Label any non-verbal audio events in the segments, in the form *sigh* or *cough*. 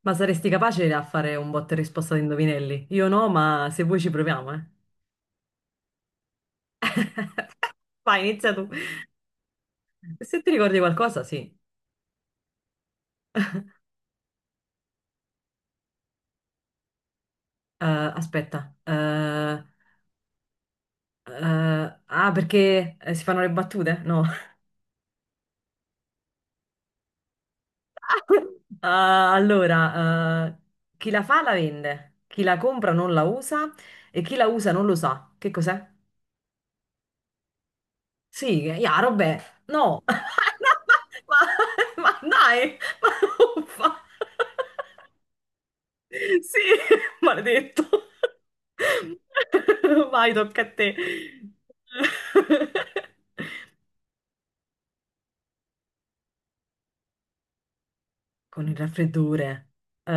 Ma saresti capace a fare un botta e risposta di indovinelli? Io no, ma se vuoi ci proviamo, eh. Vai, inizia tu. Se ti ricordi qualcosa, sì. Eh, aspetta. Eh, ah, perché si fanno le battute? No. *laughs* Ah, allora, chi la fa la vende, chi la compra non la usa e chi la usa non lo sa. Che cos'è? Sì, chiaro, vabbè. No. *laughs* No, ma, ma dai, ma uffa. Sì, *laughs* maledetto. *laughs* Vai, tocca a te. *laughs* Con il raffreddore. Eh,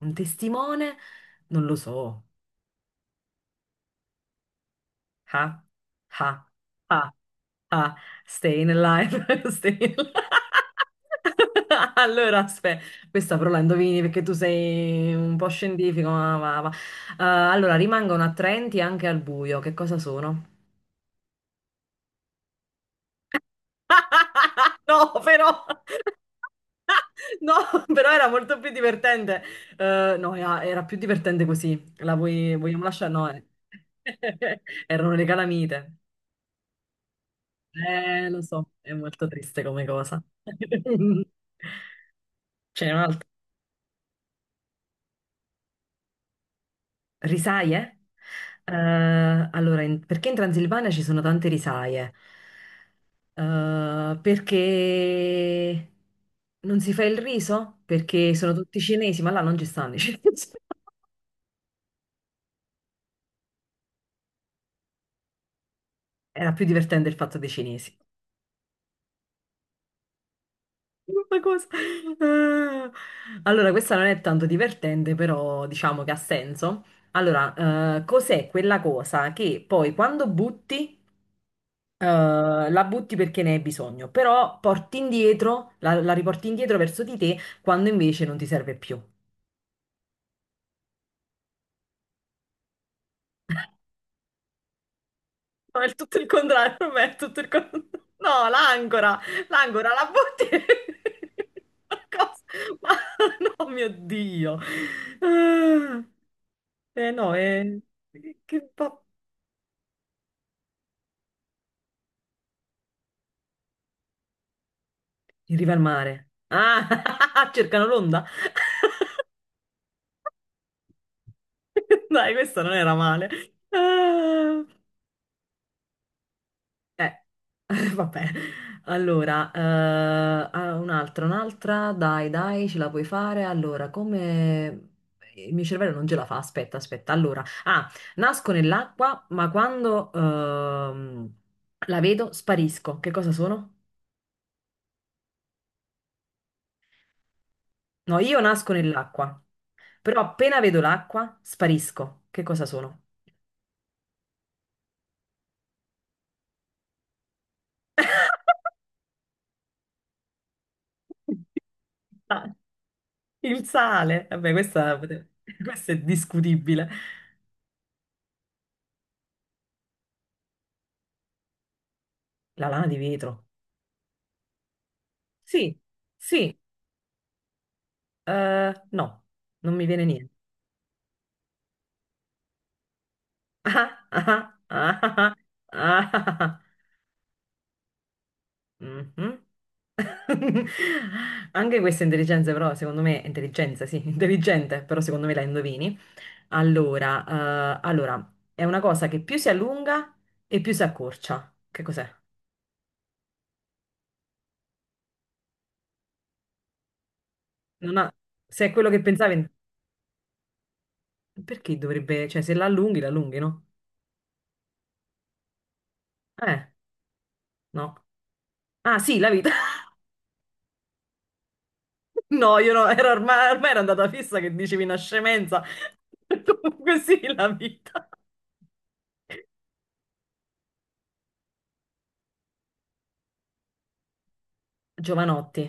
un testimone? Non lo so. Ha, ha, ha, ha. Staying alive, *laughs* staying alive. *laughs* Allora, aspetta, questa però la indovini perché tu sei un po' scientifico. Allora, rimangono attraenti anche al buio. Che cosa sono? *laughs* No, però... *laughs* No, però era molto più divertente. No, era più divertente così. Vogliamo lasciare? No, eh. *laughs* Erano le calamite. Lo so, è molto triste come cosa. *laughs* C'è un'altra. Risaie? Eh, allora, perché in Transilvania ci sono tante risaie? Perché non si fa il riso? Perché sono tutti cinesi, ma là non ci stanno i cinesi. *laughs* Era più divertente il fatto dei cinesi. Ma cosa? Eh, Allora, questa non è tanto divertente, però diciamo che ha senso. Allora, cos'è quella cosa che poi quando butti la butti perché ne hai bisogno, però porti indietro, la riporti indietro verso di te quando invece non ti serve più. No, è tutto il contrario, per me è tutto il contrario. No, l'ancora, l'ancora, la butti. *laughs* Ma cosa? Ma *laughs* no, mio Dio. Ah. Eh no, che fa? In riva al mare. Ah, *laughs* cercano l'onda. *laughs* Dai, questa non era male. Ah. Eh, *laughs* vabbè. Allora, ah, un'altra, un'altra, dai, dai, ce la puoi fare. Allora, come... Il mio cervello non ce la fa, aspetta, aspetta. Allora, ah, nasco nell'acqua, ma quando la vedo sparisco. Che cosa sono? No, io nasco nell'acqua, però appena vedo l'acqua sparisco. Che cosa sono? *laughs* Ah, il sale. Vabbè, questa, *laughs* questa è discutibile. La lana di vetro. Sì, sì. No, non mi viene niente. *laughs* Ah, ah, ah, ah, ah, ah, ah. Mhm. *laughs* Anche questa intelligenza, però, secondo me, intelligenza, sì, intelligente, però secondo me la indovini. Allora, è una cosa che più si allunga e più si accorcia. Che cos'è? Non ha- Se è quello che pensavi, perché dovrebbe, cioè, se la allunghi, la allunghi, no? Eh, no. Ah, sì, la vita. No, io no, era ormai, ormai era andata fissa che dicevi una scemenza. *laughs* Comunque sì, la vita. Giovanotti.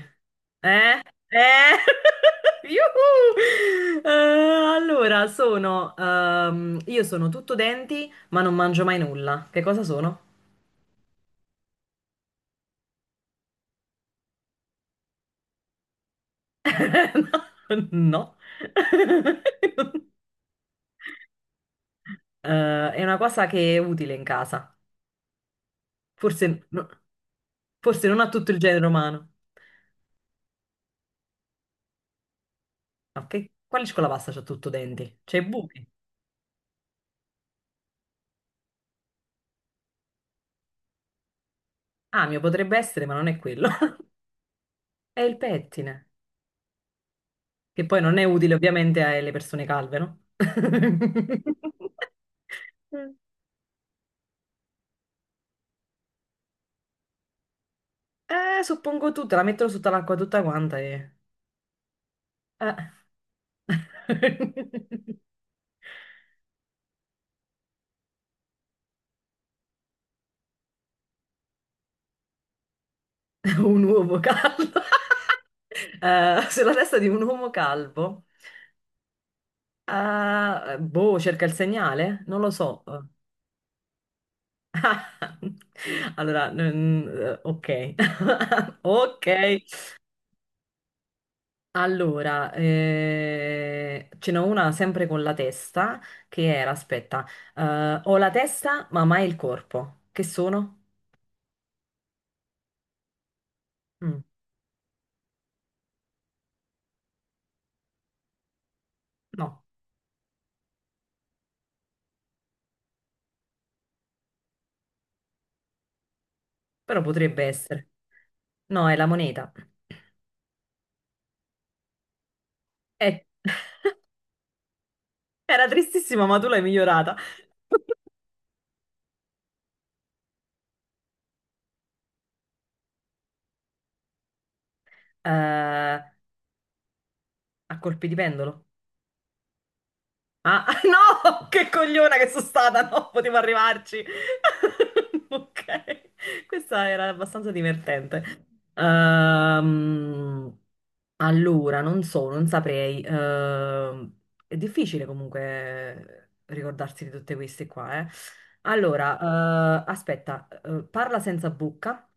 Eh? Eh? *laughs* Yuhu! Allora, sono... io sono tutto denti, ma non mangio mai nulla. Che cosa sono? *laughs* No. *laughs* È una cosa che è utile in casa. Forse, no- forse non a tutto il genere umano. Ok, quale scuola pasta c'ha tutto denti? C'è i buchi. Amio potrebbe essere, ma non è quello. *laughs* È il pettine, che poi non è utile ovviamente alle persone calve, no? *laughs* Suppongo tutta, la mettono sotto l'acqua tutta quanta e... eh. *laughs* Un uomo calvo. *laughs* Sulla testa di un uomo calvo. Boh, cerca il segnale? Non lo so. *laughs* Allora, ok. *laughs* Ok. Allora, ce n'ho una sempre con la testa, che era, aspetta, ho la testa ma mai il corpo. Che sono? Mm, no, però potrebbe essere. No, è la moneta. Eh, *laughs* era tristissima, ma tu l'hai migliorata. A colpi di pendolo. Ah, *laughs* no! Che cogliona che sono stata! No, potevo arrivarci. *laughs* Ok, questa era abbastanza divertente. Ehm, allora, non so, non saprei. È difficile comunque ricordarsi di tutte queste qua, eh. Allora, parla senza bocca,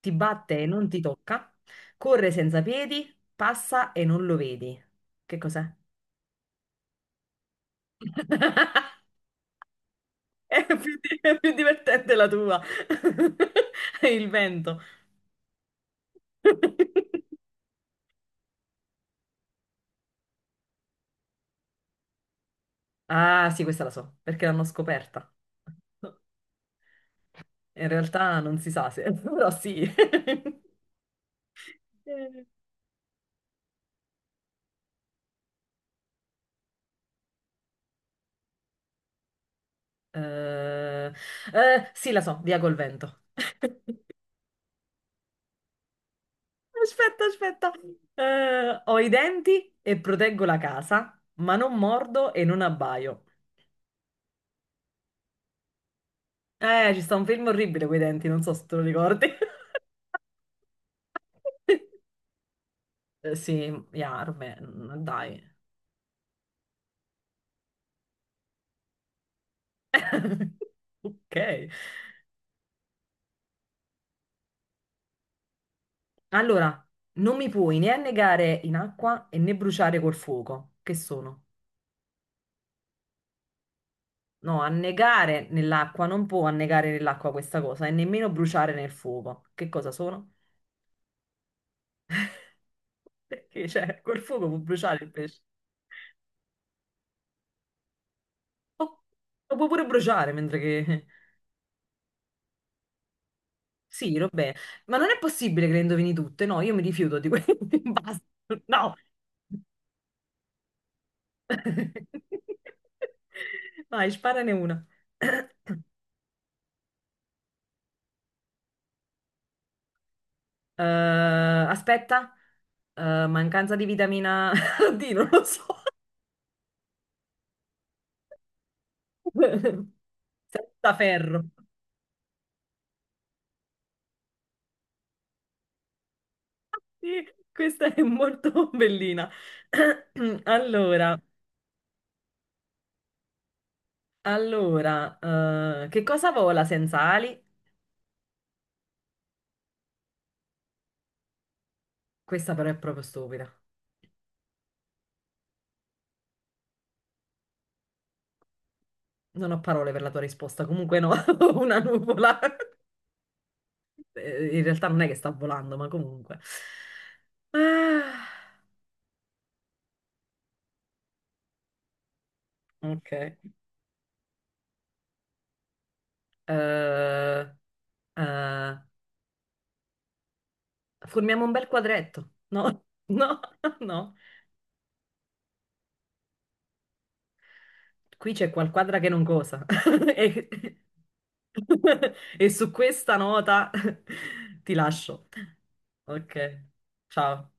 ti batte e non ti tocca, corre senza piedi, passa e non lo vedi. Che cos'è? *laughs* È più divertente la tua. *laughs* Il vento. Ah, sì, questa la so, perché l'hanno scoperta. In realtà non si sa se, *laughs* però sì. Eh, eh, sì, la so, via col vento. Aspetta, aspetta. Ho i denti e proteggo la casa, ma non mordo e non abbaio. Ci sta un film orribile con i denti, non so se te lo ricordi. *laughs* Sì, Yarme, dai. *laughs* Ok. Allora, non mi puoi né annegare in acqua e né bruciare col fuoco. Che sono? No, annegare nell'acqua non può annegare nell'acqua questa cosa e nemmeno bruciare nel fuoco. Che cosa sono? Perché, cioè, col fuoco può bruciare il pesce. Oh, lo può pure bruciare mentre che... *laughs* Sì, vabbè. Ma non è possibile che le indovini tutte. No, io mi rifiuto di questo. *laughs* Basta. No. *laughs* Vai, sparane una. *clears throat* *coughs* Eh, aspetta, eh, mancanza di vitamina *laughs* D, non lo so. *laughs* Senza ferro. Sì, questa è molto bellina. *clears throat* Allora, allora, che cosa vola senza ali? Questa però è proprio stupida. Non ho parole per la tua risposta. Comunque no, *laughs* una nuvola. *laughs* In realtà non è che sta volando, ma comunque. Ah, ok. Eh, eh, formiamo un bel quadretto. No, *laughs* no, no. Qui c'è qualquadra che non cosa. *laughs* E, *laughs* e su questa nota *laughs* ti lascio. Ok, ciao.